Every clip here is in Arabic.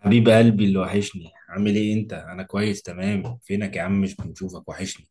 حبيب قلبي، اللي وحشني، عامل ايه انت؟ انا كويس، تمام. فينك يا عم؟ مش بنشوفك، وحشني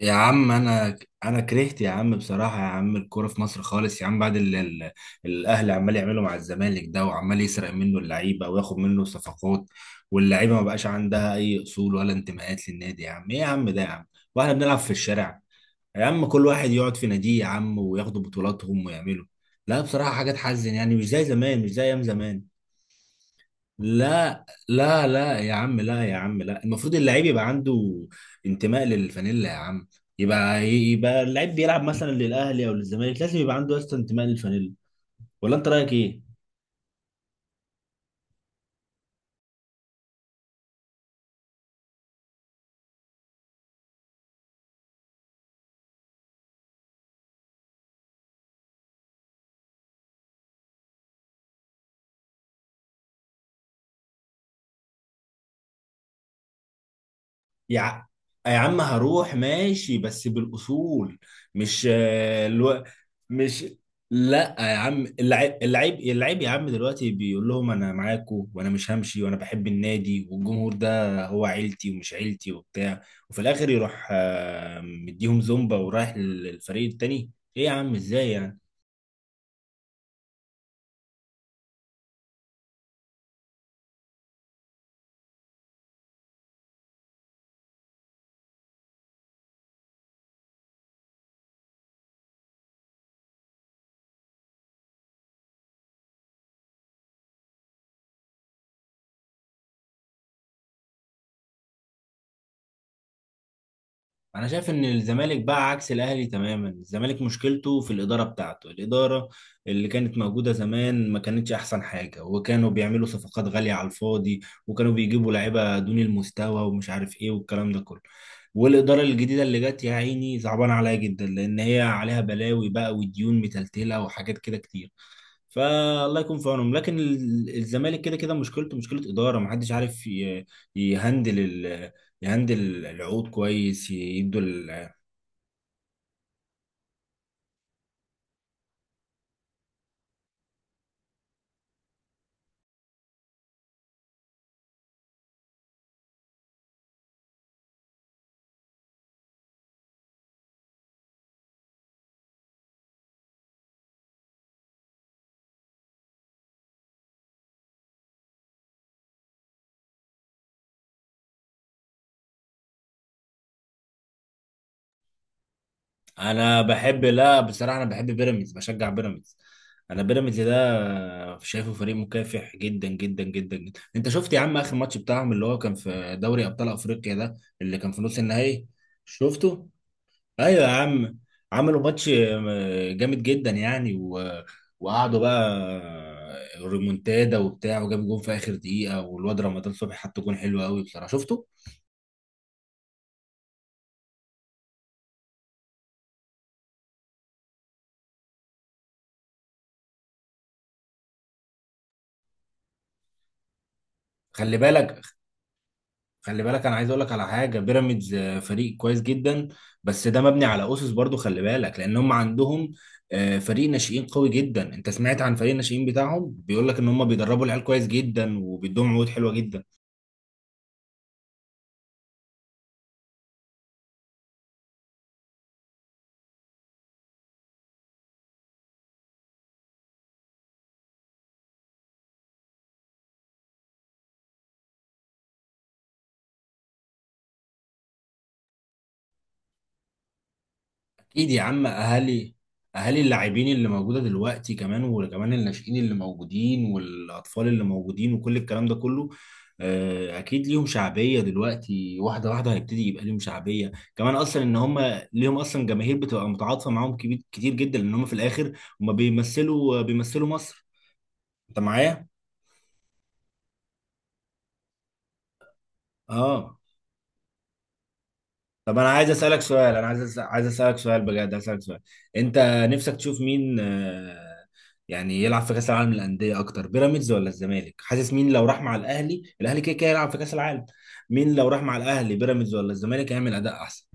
يا عم. انا كرهت يا عم، بصراحة يا عم الكورة في مصر خالص يا عم، بعد اللي الاهلي عمال يعملوا مع الزمالك ده، وعمال يسرق منه اللعيبة وياخد منه صفقات، واللعيبة ما بقاش عندها اي اصول ولا انتماءات للنادي. يا عم، ايه يا عم ده يا عم، واحنا بنلعب في الشارع. يا عم كل واحد يقعد في ناديه يا عم وياخدوا بطولاتهم ويعملوا. لا بصراحة حاجة تحزن يعني، مش زي زمان، مش زي ايام زمان. لا لا لا يا عم، لا يا عم، لا. المفروض اللعيب يبقى عنده انتماء للفانيلا يا عم. يبقى اللعيب بيلعب مثلا للاهلي او للزمالك، لازم يبقى عنده اصلا انتماء للفانيلا. ولا انت رايك ايه؟ يا ع- يا عم هروح ماشي بس بالأصول، مش آه، الو... مش لا يا عم، اللعيب يا عم دلوقتي بيقول لهم انا معاكم وانا مش همشي وانا بحب النادي والجمهور ده هو عيلتي، ومش عيلتي وبتاع، وفي الاخر يروح مديهم زومبا ورايح للفريق التاني. ايه يا عم، ازاي يعني؟ انا شايف ان الزمالك بقى عكس الاهلي تماما. الزمالك مشكلته في الاداره بتاعته. الاداره اللي كانت موجوده زمان ما كانتش احسن حاجه، وكانوا بيعملوا صفقات غاليه على الفاضي، وكانوا بيجيبوا لعيبه دون المستوى ومش عارف ايه والكلام ده كله. والاداره الجديده اللي جت يا عيني صعبان عليها جدا، لان هي عليها بلاوي بقى وديون متلتله وحاجات كده كتير. فالله يكون في عونهم. لكن الزمالك كده كده مشكلته مشكله اداره، محدش عارف يهندل، يهندل العقود كويس، يدوا انا بحب لا بصراحه انا بحب بيراميدز، بشجع بيراميدز. انا بيراميدز ده شايفه فريق مكافح جدا جدا جدا جدا. انت شفت يا عم اخر ماتش بتاعهم اللي هو كان في دوري ابطال افريقيا ده، اللي كان في نص النهائي؟ شفته. ايوه يا عم، عملوا ماتش جامد جدا يعني، وقعدوا بقى ريمونتادا وبتاع، وجاب جون في اخر دقيقه، والواد رمضان صبحي حط جون حلو قوي بصراحه. شفته. خلي بالك، خلي بالك، انا عايز اقول لك على حاجه. بيراميدز فريق كويس جدا، بس ده مبني على اسس برضو، خلي بالك، لان هم عندهم فريق ناشئين قوي جدا. انت سمعت عن فريق الناشئين بتاعهم؟ بيقول لك ان هم بيدربوا العيال كويس جدا وبيدوهم عقود حلوه جدا. اكيد يا عم. اهالي اللاعبين اللي موجوده دلوقتي، كمان وكمان الناشئين اللي موجودين والاطفال اللي موجودين وكل الكلام ده كله، اكيد ليهم شعبيه دلوقتي، واحده واحده هيبتدي يبقى ليهم شعبيه. كمان اصلا ان هم ليهم اصلا جماهير بتبقى متعاطفه معاهم كبير كتير جدا، لان هم في الاخر هم بيمثلوا مصر. انت معايا؟ اه. طب انا عايز اسالك سؤال، انا عايز اسالك سؤال بجد، عايز اسالك سؤال. انت نفسك تشوف مين يعني يلعب في كاس العالم للانديه اكتر، بيراميدز ولا الزمالك؟ حاسس مين لو راح مع الاهلي؟ الاهلي كده كده يلعب في كاس العالم. مين لو راح مع الاهلي، بيراميدز ولا الزمالك، هيعمل اداء احسن؟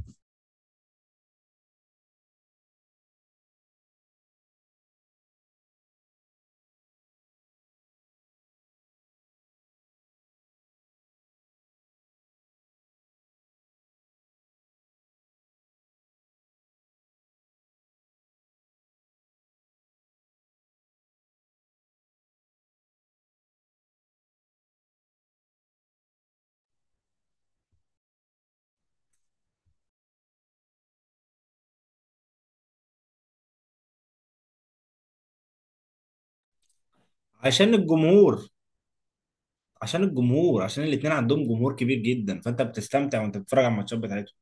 عشان الجمهور، عشان الجمهور، عشان الاتنين عندهم جمهور كبير جدا، فانت بتستمتع وانت بتتفرج على الماتشات بتاعتهم.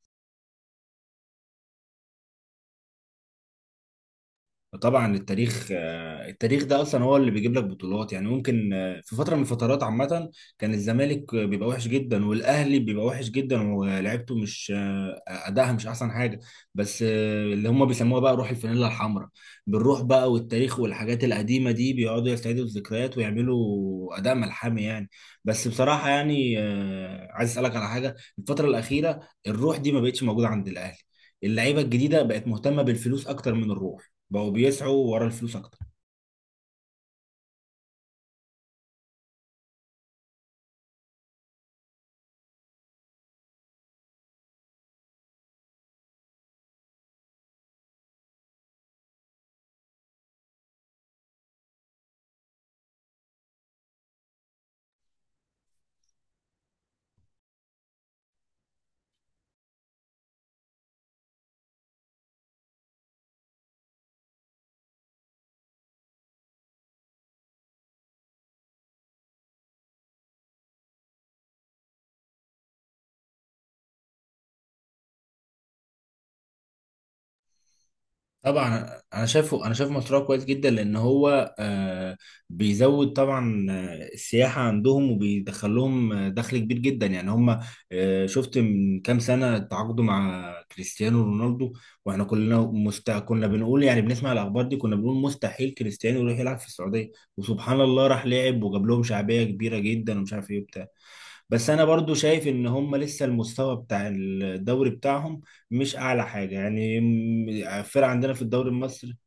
طبعا التاريخ، التاريخ ده اصلا هو اللي بيجيب لك بطولات يعني. ممكن في فتره من الفترات عامه، كان الزمالك بيبقى وحش جدا، والاهلي بيبقى وحش جدا، ولعبته مش ادائها مش احسن حاجه، بس اللي هم بيسموها بقى روح الفانيلا الحمراء، بالروح بقى والتاريخ والحاجات القديمه دي، بيقعدوا يستعيدوا الذكريات ويعملوا اداء ملحمي يعني. بس بصراحه يعني، عايز اسالك على حاجه. الفتره الاخيره الروح دي ما بقتش موجوده عند الاهلي. اللعيبه الجديده بقت مهتمه بالفلوس اكتر من الروح، بقوا بيسعوا ورا الفلوس اكتر. طبعا انا شايفه، انا شايف مشروع كويس جدا، لان هو بيزود طبعا السياحه عندهم، وبيدخل لهم دخل كبير جدا يعني. هم شفت من كام سنه تعاقدوا مع كريستيانو رونالدو، واحنا كلنا كنا بنقول يعني، بنسمع الاخبار دي كنا بنقول مستحيل كريستيانو يروح يلعب في السعوديه، وسبحان الله راح لعب وجاب لهم شعبيه كبيره جدا ومش عارف ايه وبتاع. بس انا برضو شايف ان هم لسه المستوى بتاع الدوري بتاعهم مش اعلى حاجه يعني، الفرق عندنا في الدوري المصري.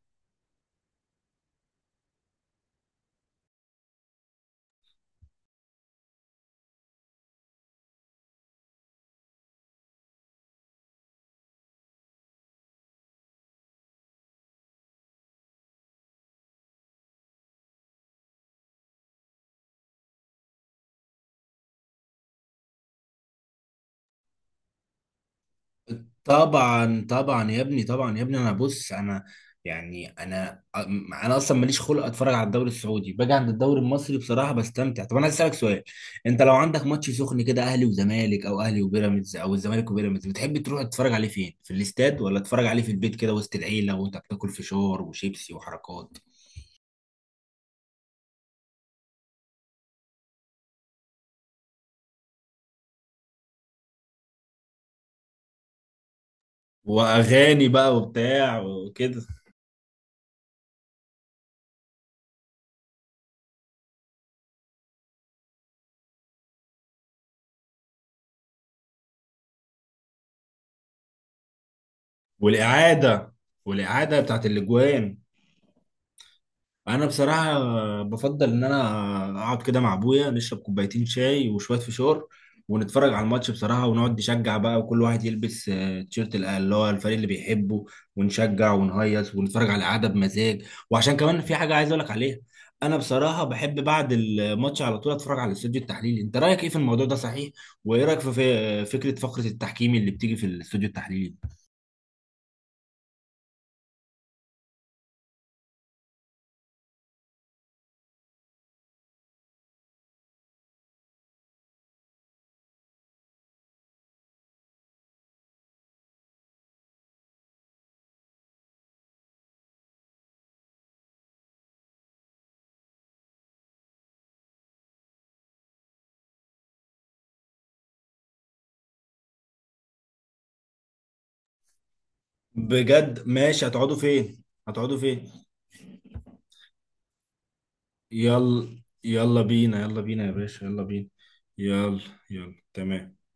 طبعا طبعا يا ابني، طبعا يا ابني. انا بص، انا يعني، انا اصلا ماليش خلق اتفرج على الدوري السعودي، باجي عند الدوري المصري بصراحه بستمتع. طب انا عايز اسالك سؤال. انت لو عندك ماتش سخن كده، اهلي وزمالك او اهلي وبيراميدز او الزمالك وبيراميدز، بتحب تروح تتفرج عليه فين؟ في الاستاد، ولا تتفرج عليه في البيت كده وسط العيله وانت بتاكل فشار وشيبسي وحركات واغاني بقى وبتاع وكده، والاعاده والاعاده بتاعت الاجوان؟ انا بصراحه بفضل ان انا اقعد كده مع ابويا، نشرب كوبايتين شاي وشويه فشار، ونتفرج على الماتش بصراحه، ونقعد نشجع بقى، وكل واحد يلبس تيشيرت اللي هو الفريق اللي بيحبه، ونشجع ونهيص ونتفرج على القعده بمزاج. وعشان كمان في حاجه عايز اقول لك عليها، انا بصراحه بحب بعد الماتش على طول اتفرج على الاستوديو التحليلي. انت رايك ايه في الموضوع ده؟ صحيح، وايه رايك في فكره فقره التحكيم اللي بتيجي في الاستوديو التحليلي؟ بجد؟ ماشي، هتقعدوا فين؟ هتقعدوا فين؟ يلا يلا بينا، يلا بينا يا باشا، يلا بينا. يلا، يلا تمام.